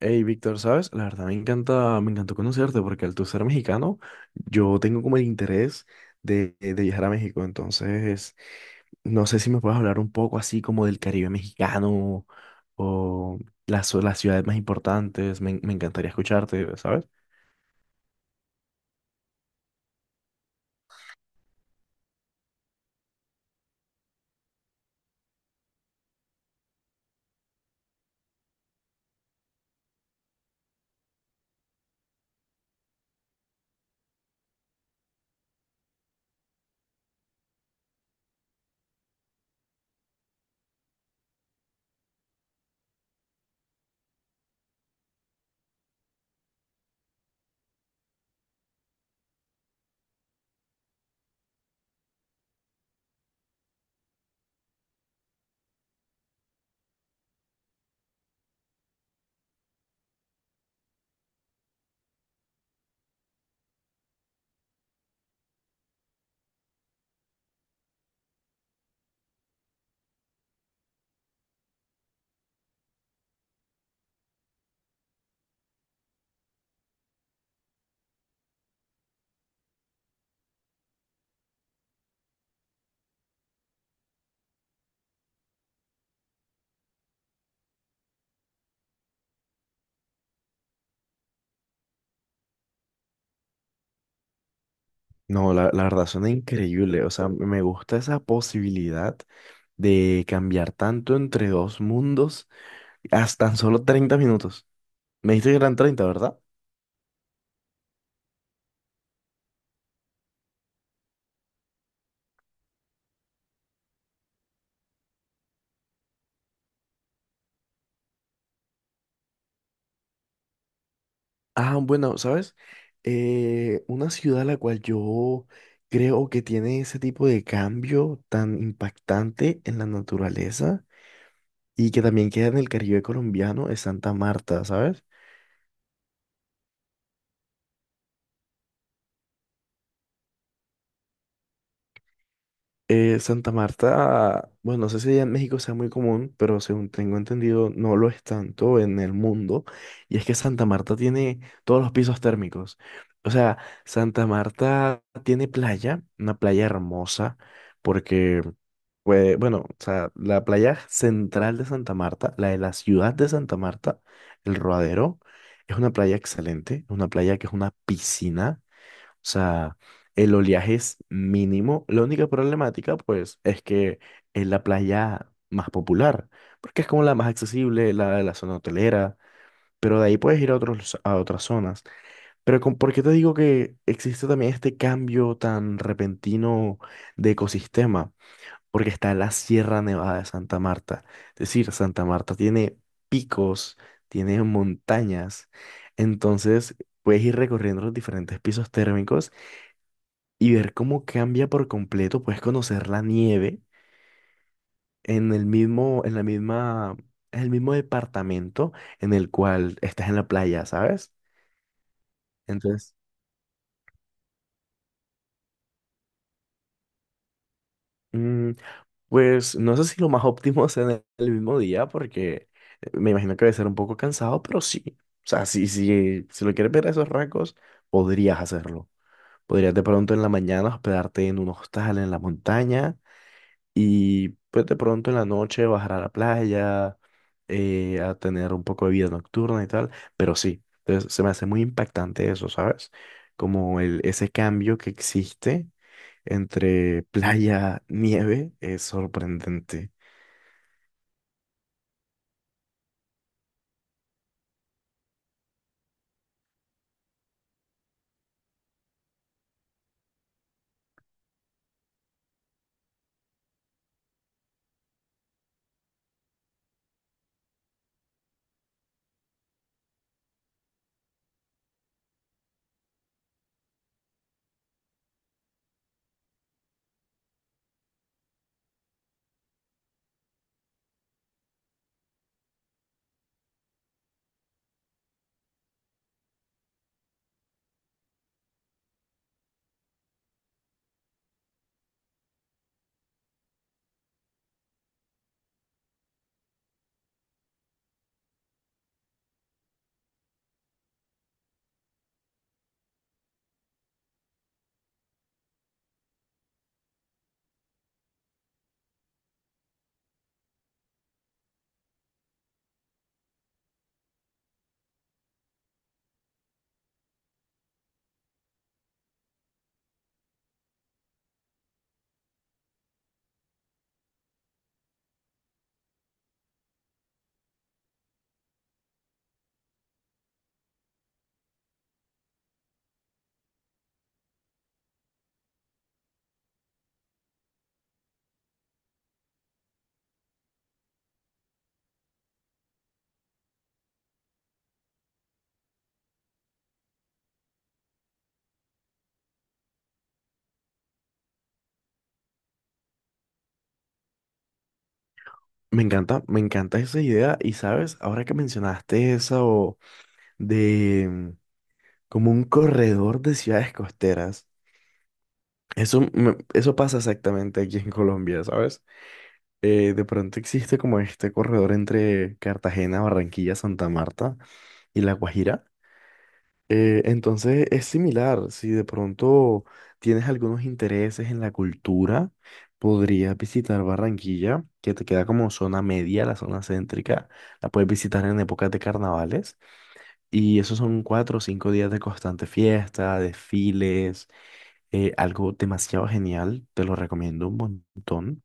Hey, Víctor, ¿sabes? La verdad me encanta, me encantó conocerte porque al tú ser mexicano, yo tengo como el interés de viajar a México. Entonces, no sé si me puedes hablar un poco así como del Caribe mexicano o las ciudades más importantes. Me encantaría escucharte, ¿sabes? No, la verdad suena increíble. O sea, me gusta esa posibilidad de cambiar tanto entre dos mundos hasta tan solo 30 minutos. Me dijiste que eran 30, ¿verdad? Ah, bueno, ¿sabes? Una ciudad a la cual yo creo que tiene ese tipo de cambio tan impactante en la naturaleza y que también queda en el Caribe colombiano es Santa Marta, ¿sabes? Santa Marta, bueno, no sé si allá en México sea muy común, pero según tengo entendido, no lo es tanto en el mundo. Y es que Santa Marta tiene todos los pisos térmicos. O sea, Santa Marta tiene playa, una playa hermosa, porque, pues, bueno, o sea, la playa central de Santa Marta, la de la ciudad de Santa Marta, el Rodadero, es una playa excelente, una playa que es una piscina. O sea, el oleaje es mínimo. La única problemática, pues, es que es la playa más popular, porque es como la más accesible, la de la zona hotelera, pero de ahí puedes ir a otros, a otras zonas. Pero con, ¿por qué te digo que existe también este cambio tan repentino de ecosistema? Porque está la Sierra Nevada de Santa Marta. Es decir, Santa Marta tiene picos, tiene montañas, entonces puedes ir recorriendo los diferentes pisos térmicos y ver cómo cambia por completo, puedes conocer la nieve en el mismo, en la misma, en el mismo departamento en el cual estás en la playa, ¿sabes? Entonces, mm, pues no sé si lo más óptimo sea en el mismo día, porque me imagino que debe ser un poco cansado, pero sí. O sea, si lo quieres ver a esos rasgos, podrías hacerlo. Podrías de pronto en la mañana hospedarte en un hostal en la montaña. Y pues de pronto en la noche bajar a la playa, a tener un poco de vida nocturna y tal, pero sí, entonces se me hace muy impactante eso, ¿sabes? Como el, ese cambio que existe entre playa, nieve, es sorprendente. Me encanta esa idea y sabes, ahora que mencionaste eso de como un corredor de ciudades costeras, eso, eso pasa exactamente aquí en Colombia, ¿sabes? De pronto existe como este corredor entre Cartagena, Barranquilla, Santa Marta y La Guajira. Entonces es similar, si de pronto tienes algunos intereses en la cultura, podrías visitar Barranquilla, que te queda como zona media, la zona céntrica, la puedes visitar en épocas de carnavales y esos son 4 o 5 días de constante fiesta, desfiles, algo demasiado genial, te lo recomiendo un montón.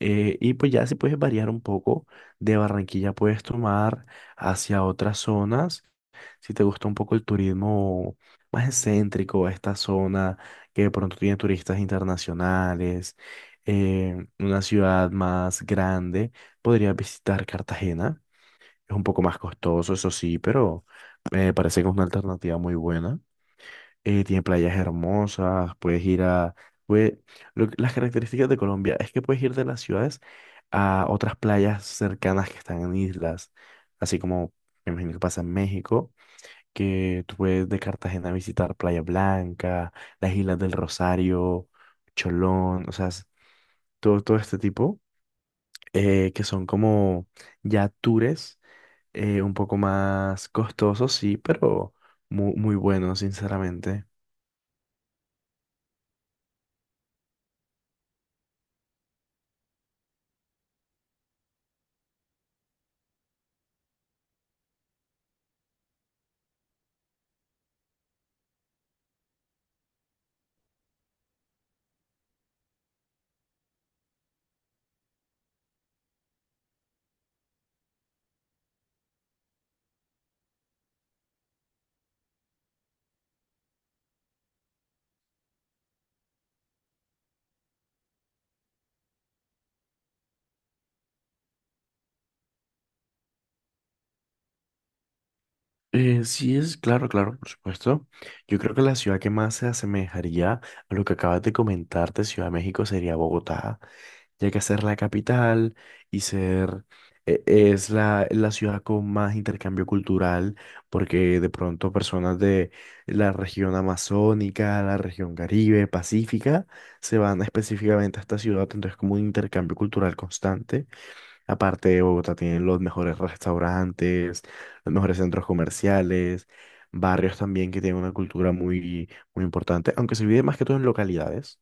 Y pues ya si puedes variar un poco, de Barranquilla puedes tomar hacia otras zonas, si te gusta un poco el turismo más excéntrico, esta zona que de pronto tiene turistas internacionales, una ciudad más grande, podrías visitar Cartagena, es un poco más costoso, eso sí, pero me parece que es una alternativa muy buena. Tiene playas hermosas, puedes ir a... puede- las características de Colombia es que puedes ir de las ciudades a otras playas cercanas que están en islas, así como me imagino que pasa en México, que tú puedes de Cartagena visitar Playa Blanca, las Islas del Rosario, Cholón, o sea, es- todo, todo este tipo, que son como ya tours, un poco más costosos, sí, pero muy, muy buenos, sinceramente. Sí es, claro, claro, por supuesto. Yo creo que la ciudad que más se asemejaría a lo que acabas de comentar de Ciudad de México sería Bogotá, ya que ser la capital y ser es la ciudad con más intercambio cultural, porque de pronto personas de la región amazónica, la región Caribe, Pacífica, se van específicamente a esta ciudad, entonces como un intercambio cultural constante. Aparte, Bogotá tiene los mejores restaurantes, los mejores centros comerciales, barrios también que tienen una cultura muy, muy importante, aunque se vive más que todo en localidades,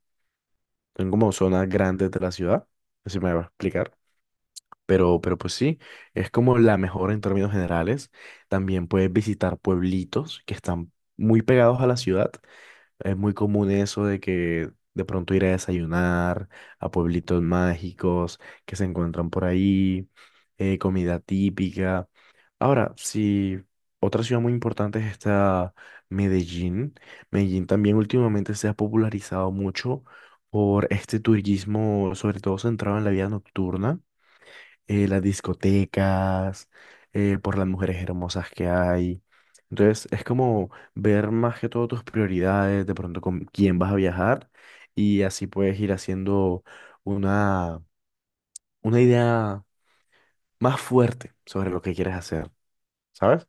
son como zonas grandes de la ciudad, así me va a explicar. Pero pues sí, es como la mejor en términos generales. También puedes visitar pueblitos que están muy pegados a la ciudad. Es muy común eso de que de pronto ir a desayunar a pueblitos mágicos que se encuentran por ahí, comida típica. Ahora, si otra ciudad muy importante es esta, Medellín. Medellín también últimamente se ha popularizado mucho por este turismo, sobre todo centrado en la vida nocturna, las discotecas, por las mujeres hermosas que hay. Entonces, es como ver más que todo tus prioridades, de pronto con quién vas a viajar, y así puedes ir haciendo una, una idea más fuerte sobre lo que quieres hacer, ¿sabes?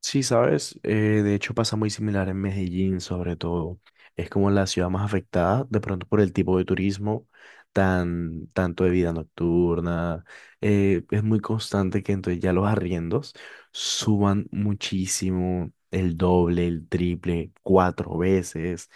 Sí, sabes, de hecho pasa muy similar en Medellín, sobre todo. Es como la ciudad más afectada, de pronto por el tipo de turismo, tanto de vida nocturna. Es muy constante que entonces ya los arriendos suban muchísimo, el doble, el triple, 4 veces.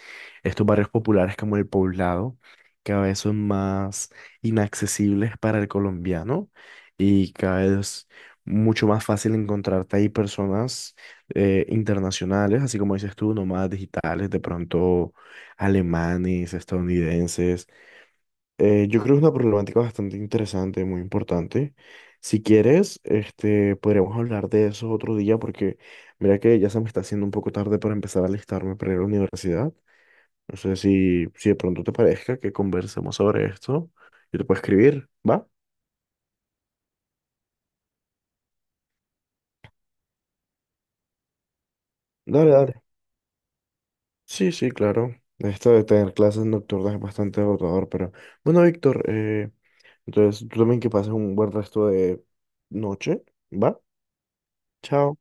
Estos barrios populares como el Poblado, cada vez son más inaccesibles para el colombiano y cada vez mucho más fácil encontrarte ahí personas internacionales, así como dices tú, nómadas digitales, de pronto alemanes, estadounidenses. Yo creo que es una problemática bastante interesante, muy importante. Si quieres, este, podríamos hablar de eso otro día porque mira que ya se me está haciendo un poco tarde para empezar a alistarme para ir a la universidad. No sé si de pronto te parezca que conversemos sobre esto. Yo te puedo escribir, ¿va? Dale, dale. Sí, sí, claro. Esto de tener clases nocturnas es bastante agotador, pero bueno, Víctor, entonces, tú también que pases un buen resto de noche, ¿va? Chao.